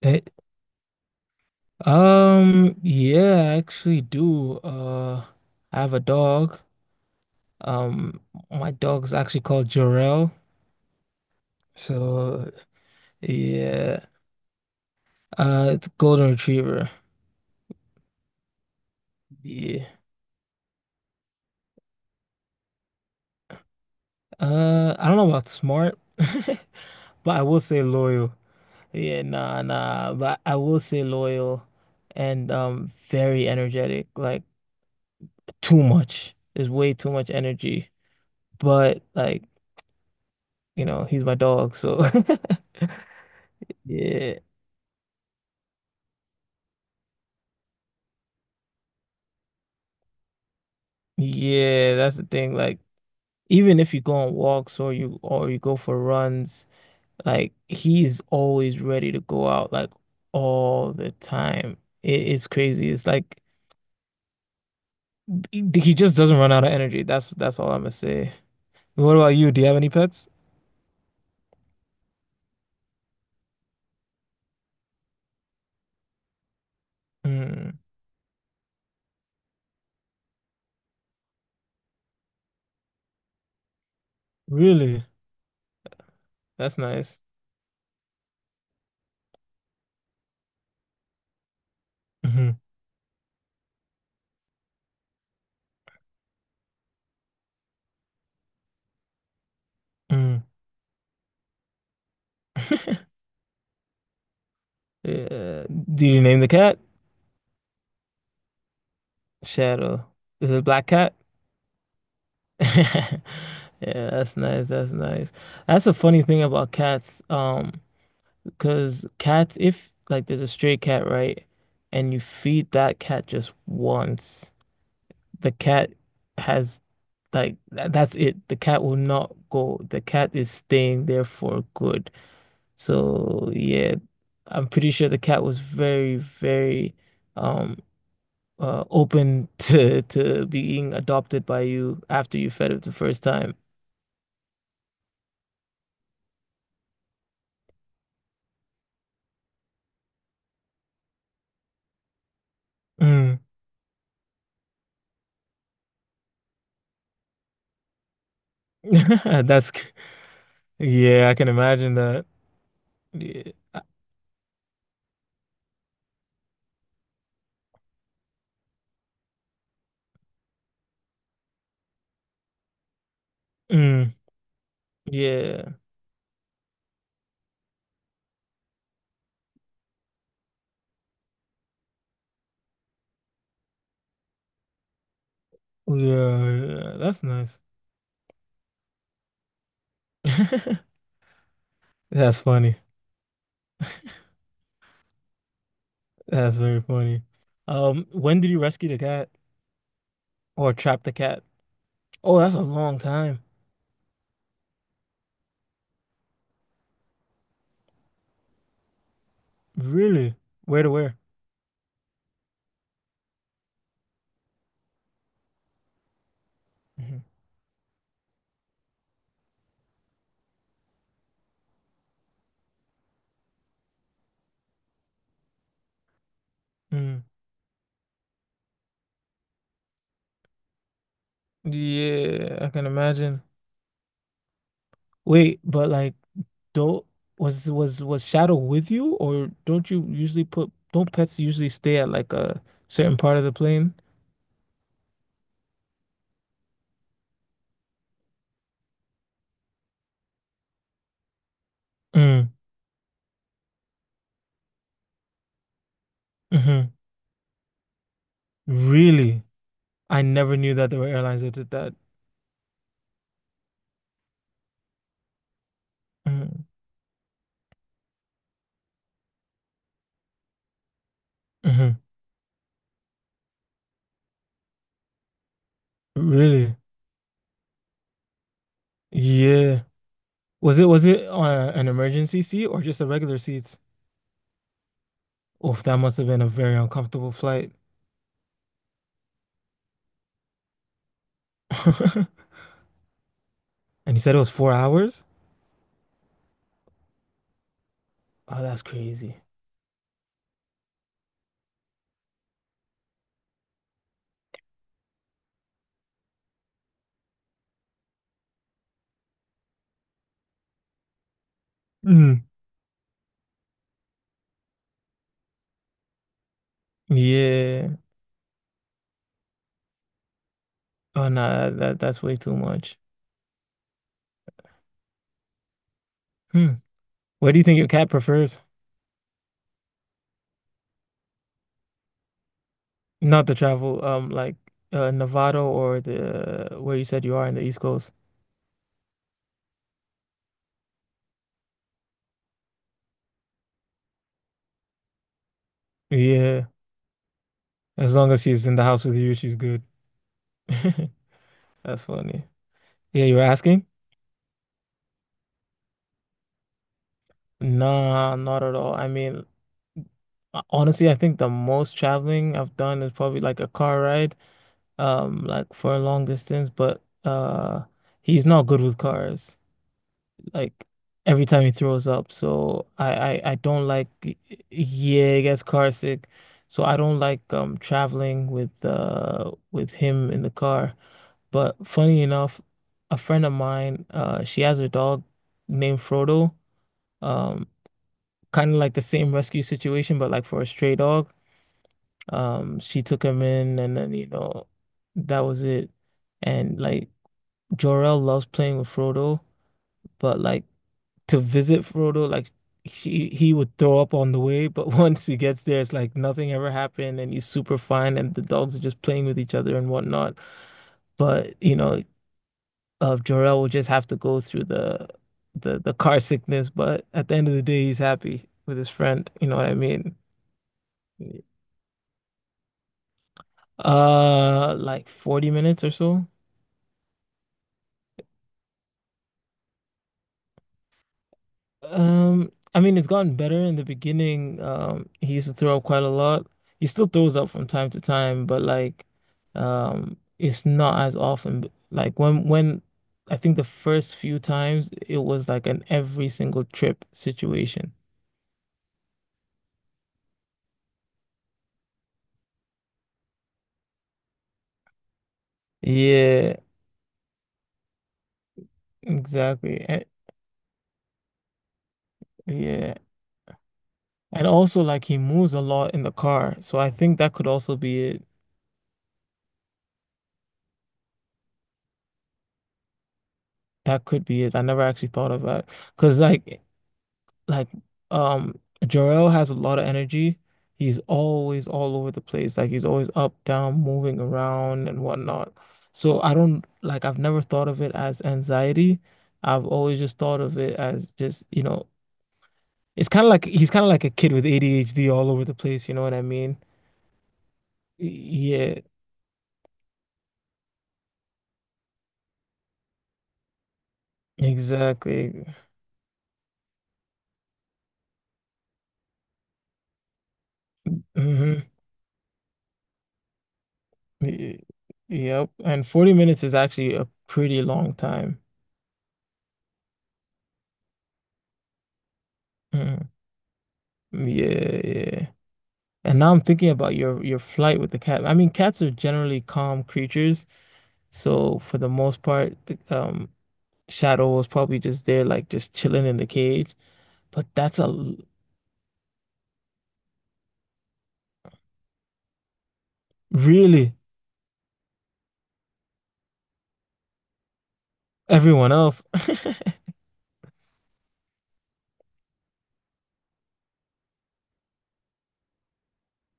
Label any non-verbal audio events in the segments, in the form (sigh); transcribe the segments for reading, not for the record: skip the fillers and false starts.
Eh, yeah, I actually do. I have a dog. Um, my dog's actually called Jorel. So, yeah. It's a golden retriever. Yeah. I don't know about smart, (laughs) but I will say loyal. Yeah, nah, nah, but I will say loyal and very energetic. Like too much. There's way too much energy. But like, you know, he's my dog, so (laughs) Yeah. Yeah, that's the thing. Like, even if you go on walks or you go for runs, like he is always ready to go out like all the time. It's crazy. It's like he just doesn't run out of energy. That's all I'm gonna say. What about you? Do you have any pets? Mm, really? That's nice. Hmm. Mm. (laughs) Yeah. Did you name the cat? Shadow. Is it a black cat? (laughs) Yeah, that's nice. That's nice. That's a funny thing about cats. Because cats, if like there's a stray cat, right, and you feed that cat just once, the cat has like that's it. The cat will not go. The cat is staying there for good. So yeah, I'm pretty sure the cat was very, very um open (laughs) to being adopted by you after you fed it the first time. Mm. (laughs) That's c- yeah, I can imagine that. Yeah. I- Mm, yeah. Yeah, yeah. That's nice. (laughs) That's funny. That's very funny. When did you rescue the cat or trap the cat? Oh, that's a long time. Really? Where to where? Mhm. Mm. Yeah, I can imagine. Wait, but like, don't was Shadow with you, or don't you usually put, don't pets usually stay at like a certain part of the plane? Mm. Hmm. Really? I never knew that there were airlines that did that. Mm-hmm. Really? Yeah. Was it an emergency seat or just a regular seats? Oh, that must have been a very uncomfortable flight. (laughs) And you said it was 4 hours? Oh, that's crazy. Mm. Yeah. Oh no, that's way too much. Hmm. Where do you think your cat prefers? Not to travel, Nevada or the where you said you are in the East Coast. Yeah. As long as she's in the house with you, she's good. (laughs) That's funny. Yeah, you were asking? Nah, not at all. Honestly, I think the most traveling I've done is probably like a car ride, like for a long distance, but he's not good with cars. Like every time he throws up. So I don't like yeah, he gets car sick. So I don't like traveling with him in the car. But funny enough, a friend of mine, she has a dog named Frodo. Um, Kind of like the same rescue situation, but like for a stray dog. She took him in, and then you know, that was it. And like Jor-El loves playing with Frodo, but like to visit Frodo, like he would throw up on the way. But (laughs) once he gets there, it's like nothing ever happened, and he's super fine, and the dogs are just playing with each other and whatnot. But you know, Jor-El will just have to go through the car sickness, but at the end of the day, he's happy with his friend. You know what I mean? Like 40 minutes or so. I mean, it's gotten better in the beginning. He used to throw up quite a lot. He still throws up from time to time, but it's not as often. Like when I think the first few times it was like an every single trip situation. Yeah, exactly. And, yeah. And also like he moves a lot in the car. So I think that could also be it. That could be it. I never actually thought of that. Because like um Jarrell has a lot of energy. He's always all over the place. Like he's always up, down, moving around and whatnot. So I don't like I've never thought of it as anxiety. I've always just thought of it as just, you know, it's kind of like he's kind of like a kid with ADHD all over the place, you know what I mean? Yeah, exactly. Hmm. Yep. And 40 minutes is actually a pretty long time. Mhm. Yeah, yeah. And now I'm thinking about your flight with the cat. I mean, cats are generally calm creatures, so for the most part, Shadow was probably just there, like just chilling in the cage. But that's a l- Really, everyone else. (laughs)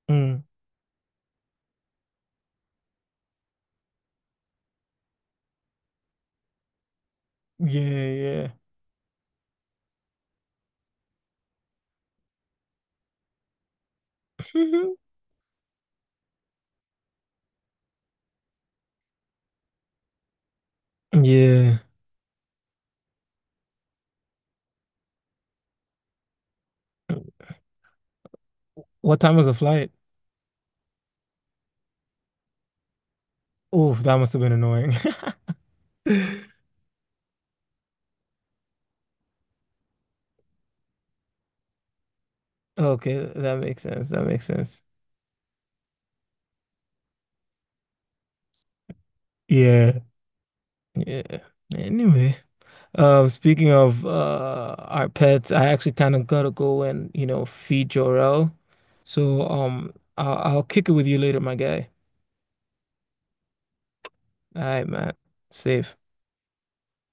Mm, yeah, yeah, (laughs) yeah. What time was the flight? Oh, that must have been annoying. (laughs) Okay, that makes sense. That makes sense. Yeah, yeah. Anyway. Speaking of our pets, I actually kind of gotta go and you know feed Jorel. So I'll kick it with you later, my guy. All right, man. Safe.